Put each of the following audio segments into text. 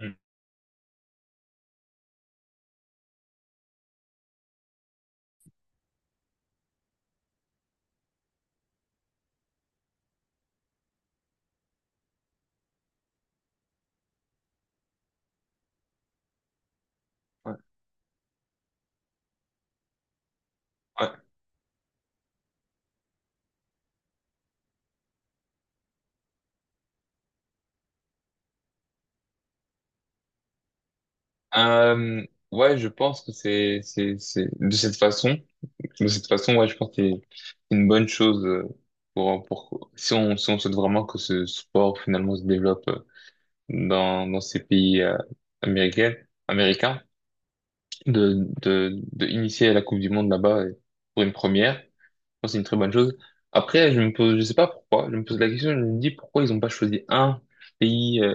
Mm. Ouais. Ouais. Euh, ouais, je pense que c'est de cette façon, ouais, je pense que c'est une bonne chose pour, si on, si on souhaite vraiment que ce sport finalement se développe dans, dans ces pays américains, américains, de initier la Coupe du Monde là-bas pour une première, je pense que c'est une très bonne chose. Après, je me pose, je sais pas pourquoi, je me pose la question, je me dis pourquoi ils ont pas choisi un pays euh,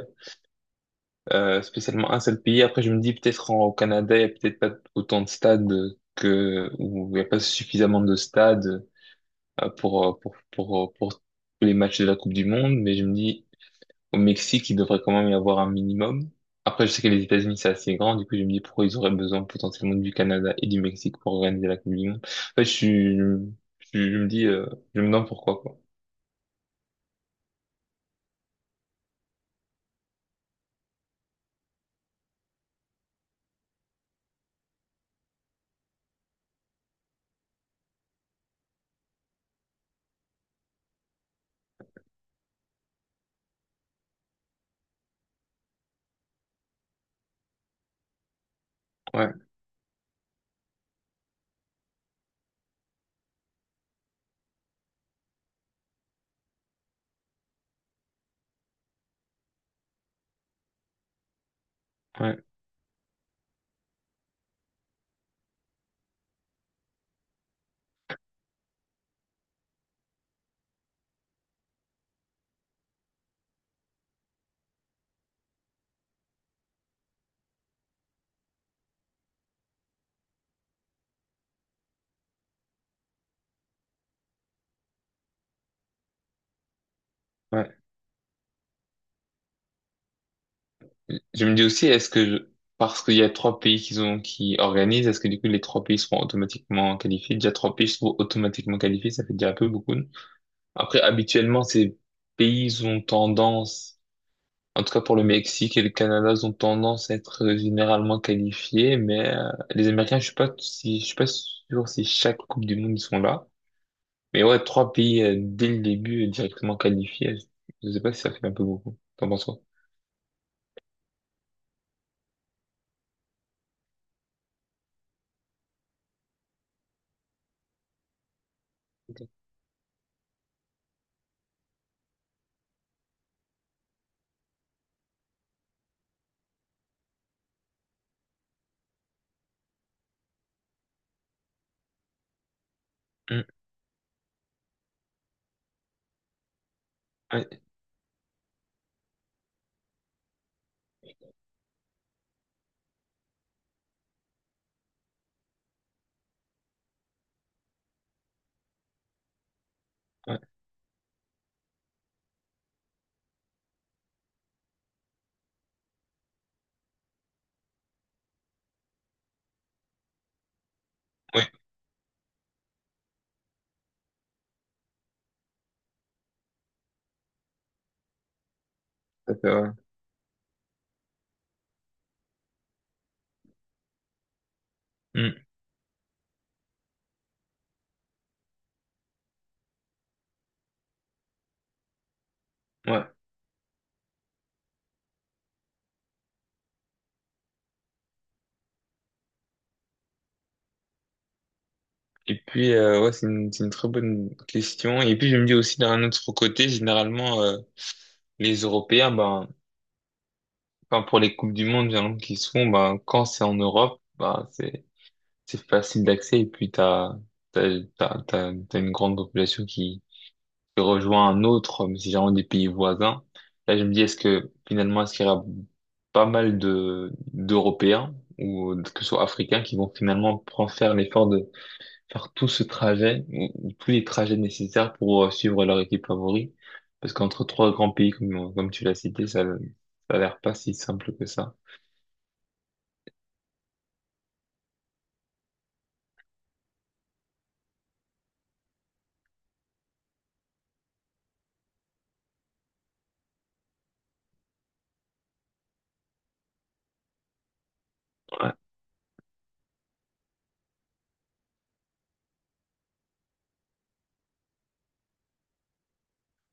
euh, spécialement un seul pays. Après, je me dis peut-être au Canada, il n'y a peut-être pas autant de stades que, ou il n'y a pas suffisamment de stades pour, pour les matchs de la Coupe du Monde, mais je me dis au Mexique, il devrait quand même y avoir un minimum. Après, je sais que les États-Unis, c'est assez grand, du coup, je me dis pourquoi ils auraient besoin potentiellement du Canada et du Mexique pour organiser la Coupe du Monde. En fait, je me dis, je me demande pourquoi, quoi. Ouais, ouais, ouais. Je me dis aussi, parce qu'il y a trois pays qui ont, qui organisent, est-ce que du coup les trois pays seront automatiquement qualifiés? Déjà trois pays seront automatiquement qualifiés, ça fait déjà un peu beaucoup. Après, habituellement, ces pays ont tendance, en tout cas pour le Mexique et le Canada, ils ont tendance à être généralement qualifiés, mais les Américains, je suis pas sûr si chaque Coupe du Monde ils sont là. Mais ouais, trois pays dès le début directement qualifiés, je sais pas si ça fait un peu beaucoup. T'en penses quoi? Ok. Mm, ouais, ouais, ouais, ça fait, ouais. Mm, ouais. Et puis, ouais, c'est une très bonne question. Et puis, je me dis aussi, d'un autre côté, généralement, les Européens, ben, enfin, pour les Coupes du Monde, généralement, qui se font, ben, quand c'est en Europe, ben, c'est facile d'accès. Et puis, t'as t'as une grande population qui rejoint un autre, mais c'est généralement des pays voisins. Là, je me dis, est-ce que, finalement, est-ce qu'il y aura pas mal de, d'Européens, ou que ce soit Africains, qui vont finalement prendre faire l'effort de faire tout ce trajet, ou tous les trajets nécessaires pour suivre leur équipe favori. Parce qu'entre trois grands pays, comme, comme tu l'as cité, ça a l'air pas si simple que ça. Ouais,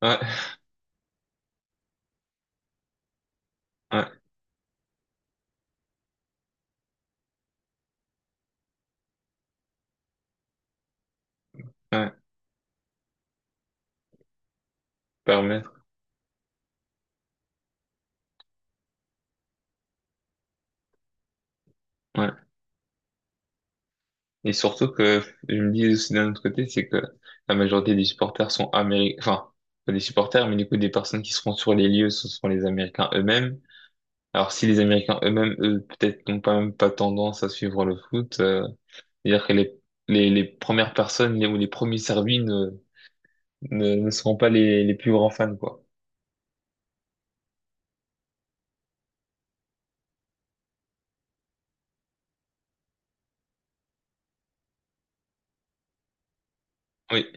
ouais, ouais, ouais, permettre, ouais. Et surtout que, je me dis aussi d'un autre côté, c'est que la majorité des supporters sont américains, enfin, pas des supporters, mais du coup, des personnes qui seront sur les lieux, ce sont les Américains eux-mêmes. Alors, si les Américains eux-mêmes, eux, peut-être n'ont pas même pas tendance à suivre le foot, c'est-à-dire que les premières personnes ou les premiers servis ne seront pas les, les plus grands fans, quoi. Oui,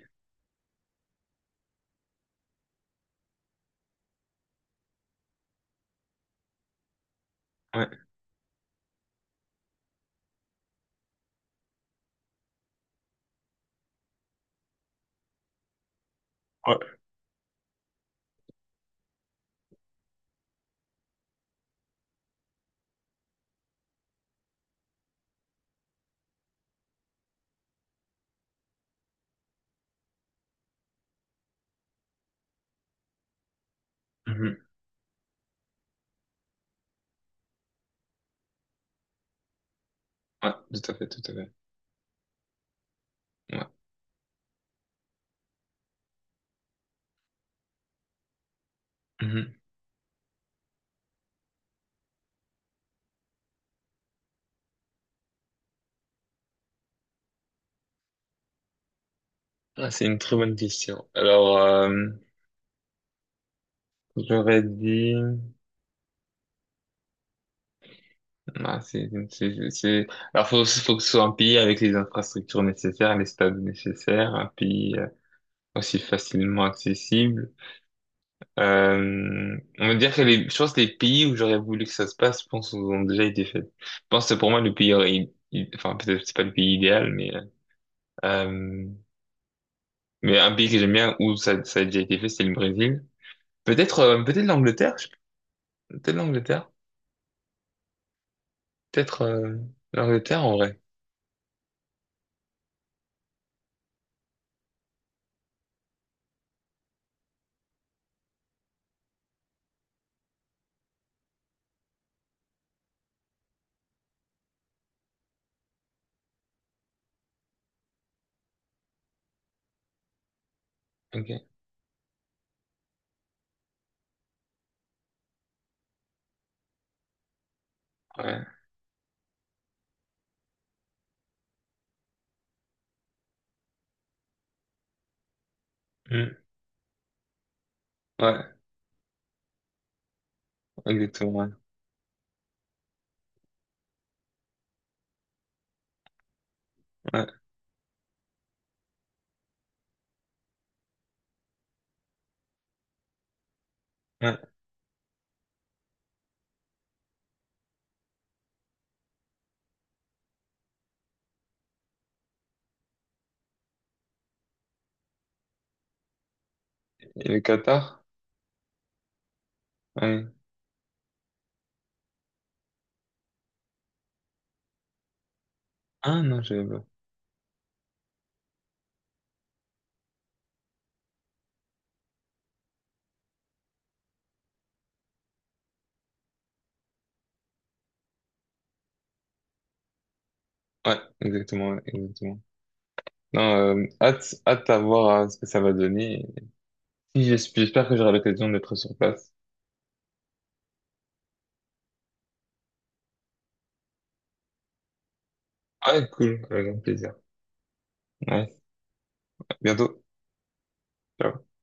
ouais, ouais, mhm, ouais, tout à fait, tout à fait. Ouais, mhm. Ah, c'est une très bonne question. Alors, j'aurais dit... Ah, c'est... Alors, faut que ce soit un pays avec les infrastructures nécessaires, les stades nécessaires, un pays aussi facilement accessible. On va dire que les, je pense que les pays où j'aurais voulu que ça se passe, je pense, ont déjà été faits. Je pense que pour moi, le pays aurait, i- enfin, peut-être que c'est pas le pays idéal, euh, mais un pays que j'aime bien où ça a déjà été fait, c'est le Brésil. Peut-être, peut-être peut-être l'Angleterre, peut-être, l'Angleterre en vrai. Ok, ouais, Hmm. Ouais, exactement, ouais, ouais, ouais. Et le Qatar? Ouais. Ah non, je pas. Ouais, exactement, ouais, exactement. Non, hâte, hâte à voir ce que ça va donner. Si, j'espère que j'aurai l'occasion d'être sur place. Ah, cool, avec grand plaisir. Ouais, à bientôt. Ciao.